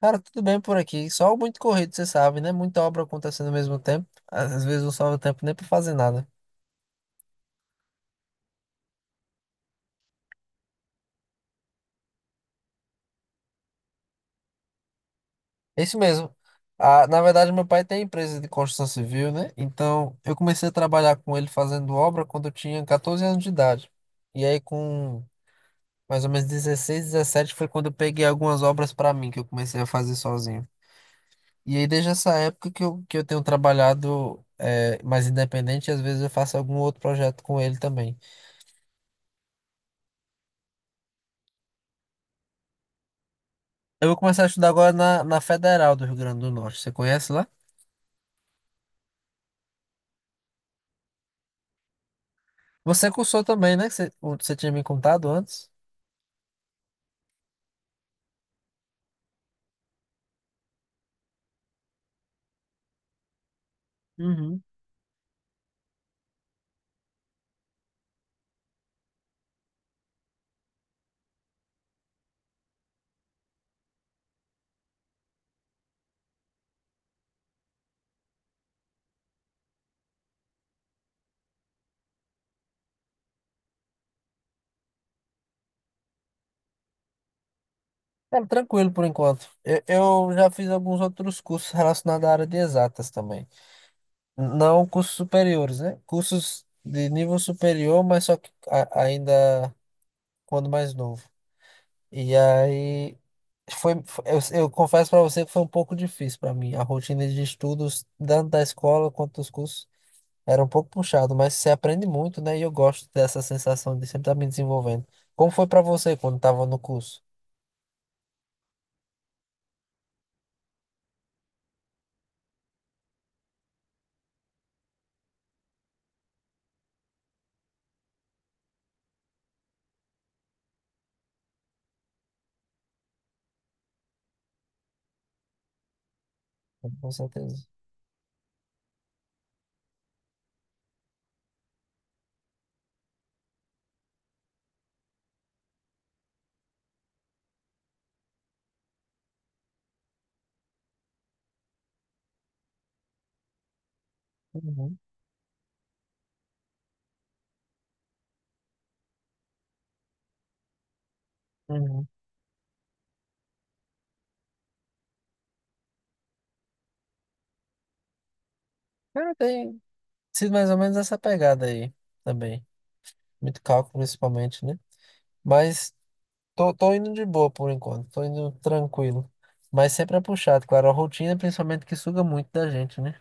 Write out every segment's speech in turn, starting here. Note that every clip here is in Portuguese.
Cara, tudo bem por aqui. Só muito corrido, você sabe, né? Muita obra acontecendo ao mesmo tempo. Às vezes não sobra tempo nem pra fazer nada. É isso mesmo. Ah, na verdade, meu pai tem empresa de construção civil, né? Então, eu comecei a trabalhar com ele fazendo obra quando eu tinha 14 anos de idade. E aí, com mais ou menos 16 17 foi quando eu peguei algumas obras pra mim, que eu comecei a fazer sozinho. E aí, desde essa época que eu tenho trabalhado mais independente, e às vezes eu faço algum outro projeto com ele também. Eu vou começar a estudar agora na Federal do Rio Grande do Norte. Você conhece lá? Você cursou também, né? Que você tinha me contado antes. Uhum. Cara, tranquilo por enquanto. Eu já fiz alguns outros cursos relacionados à área de exatas também. Não cursos superiores, né? Cursos de nível superior, mas só que ainda quando mais novo. E aí, eu confesso para você que foi um pouco difícil para mim, a rotina de estudos, tanto da escola quanto dos cursos. Era um pouco puxado, mas você aprende muito, né? E eu gosto dessa sensação de sempre estar me desenvolvendo. Como foi pra você quando estava no curso? Com certeza. Uhum, uhum. Cara, tem sido mais ou menos essa pegada aí também. Muito cálculo, principalmente, né? Mas tô indo de boa por enquanto, tô indo tranquilo. Mas sempre é puxado, claro. A rotina, principalmente, que suga muito da gente, né?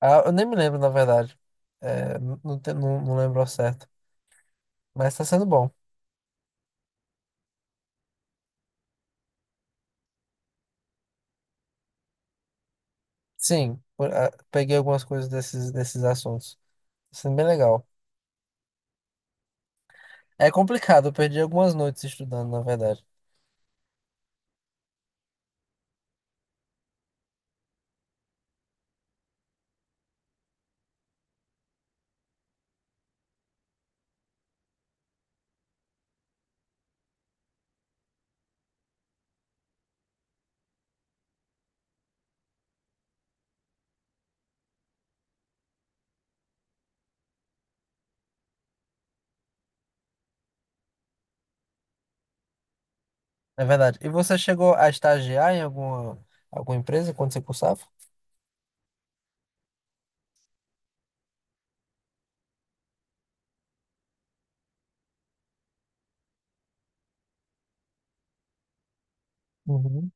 Ah, eu nem me lembro, na verdade. É, não, não, não lembro ao certo. Mas tá sendo bom. Sim, peguei algumas coisas desses assuntos. Isso é bem legal. É complicado, eu perdi algumas noites estudando, na verdade. É verdade. E você chegou a estagiar em alguma empresa quando você cursava? Uhum,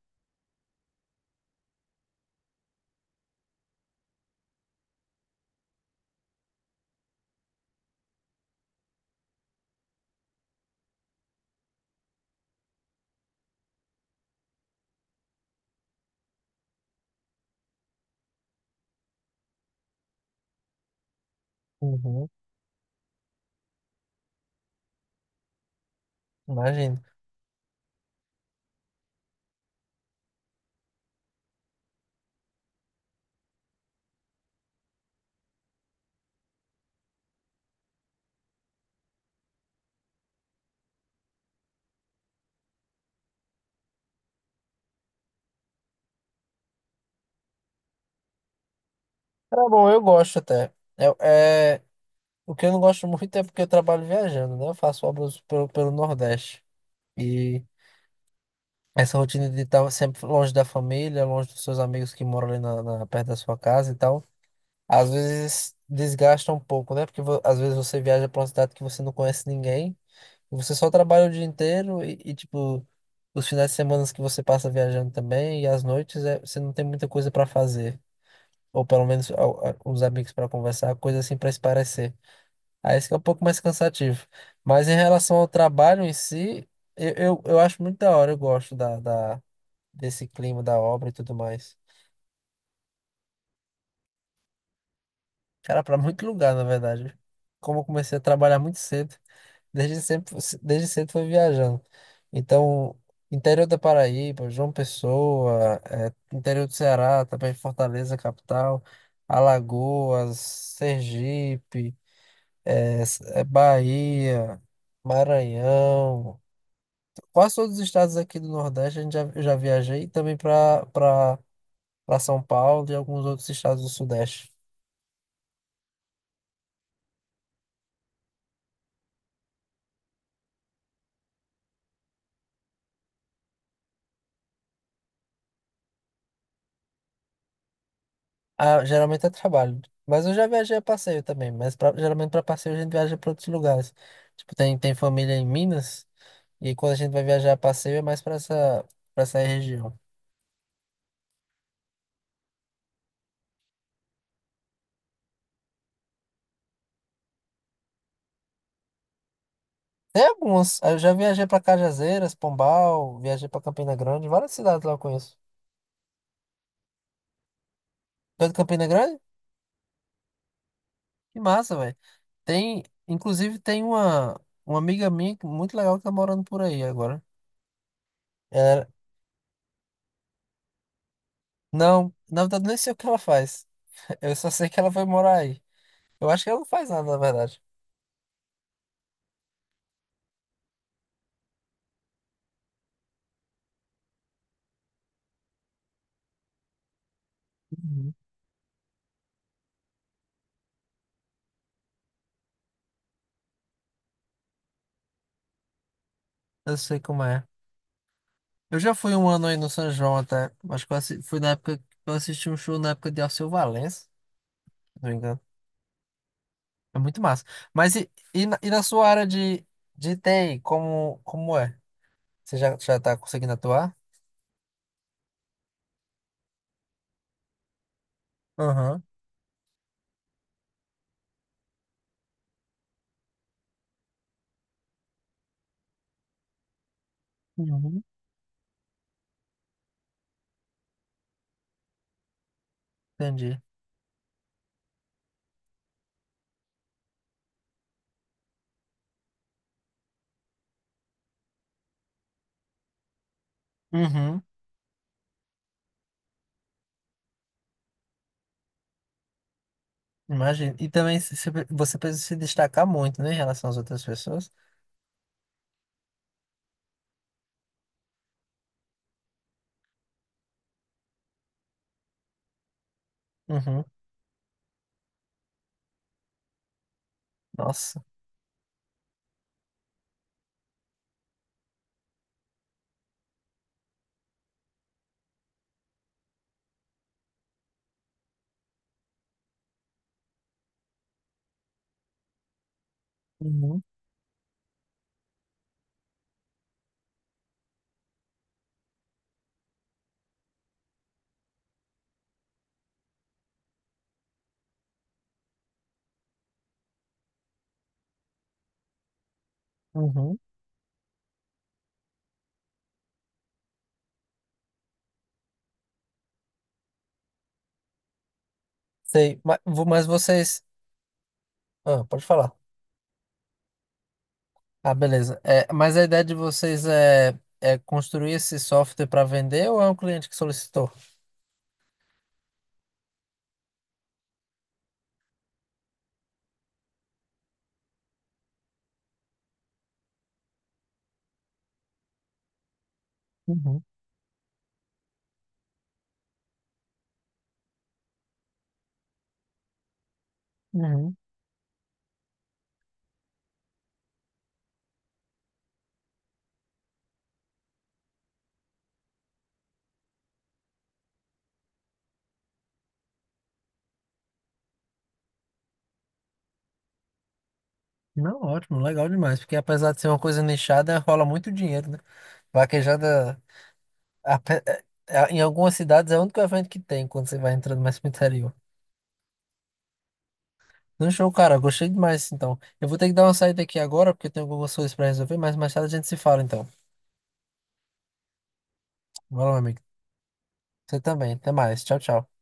uhum, imagino. Era bom, eu gosto até. É, é, o que eu não gosto muito é porque eu trabalho viajando, né? Eu faço obras pelo Nordeste. E essa rotina de estar sempre longe da família, longe dos seus amigos que moram ali perto da sua casa e tal. Às vezes desgasta um pouco, né? Porque às vezes você viaja pra uma cidade que você não conhece ninguém, e você só trabalha o dia inteiro e, tipo, os finais de semana que você passa viajando também, e as noites você não tem muita coisa pra fazer. Ou pelo menos os amigos pra conversar, coisa assim pra se parecer. Aí isso que é um pouco mais cansativo. Mas em relação ao trabalho em si, eu, eu acho muito da hora, eu gosto desse clima da obra e tudo mais. Cara, pra muito lugar, na verdade. Como eu comecei a trabalhar muito cedo, desde sempre, desde cedo fui viajando. Então, interior da Paraíba, João Pessoa, interior do Ceará, também Fortaleza, capital, Alagoas, Sergipe, Bahia, Maranhão. Quase todos os estados aqui do Nordeste eu já viajei e também para São Paulo e alguns outros estados do Sudeste. Ah, geralmente é trabalho. Mas eu já viajei a passeio também. Mas geralmente para passeio a gente viaja para outros lugares. Tipo, tem família em Minas. E quando a gente vai viajar a passeio é mais para essa região. Tem alguns. Eu já viajei para Cajazeiras, Pombal. Viajei para Campina Grande. Várias cidades lá eu conheço. Tu é de Campina Grande? Que massa, velho. Tem, inclusive, tem uma amiga minha muito legal que tá morando por aí agora. Ela- não, na verdade, nem sei o que ela faz. Eu só sei que ela foi morar aí. Eu acho que ela não faz nada, na verdade. Uhum. Eu sei como é. Eu já fui um ano aí no São João até. Acho que eu fui na época que eu assisti um show na época de Alceu Valença, se não me engano. É muito massa. Mas e na sua área de TI, como é? Você já tá conseguindo atuar? Aham. Uhum. Entendi. Uhum. Imagino. E também você precisa se destacar muito, né, em relação às outras pessoas. Uhum. Nossa. Uhum. Uhum. Sei. Mas vocês. Ah, pode falar. Ah, beleza. É, mas a ideia de vocês é construir esse software para vender ou é um cliente que solicitou? Uhum, uhum. Não, ótimo, legal demais, porque apesar de ser uma coisa nichada, rola muito dinheiro, né? Vaquejada, em algumas cidades é o único evento que tem quando você vai entrando mais pro interior. Não, show, cara, gostei demais, então. Eu vou ter que dar uma saída aqui agora, porque eu tenho algumas coisas para resolver, mas mais tarde a gente se fala, então. Valeu, meu amigo. Você também, até mais, tchau, tchau.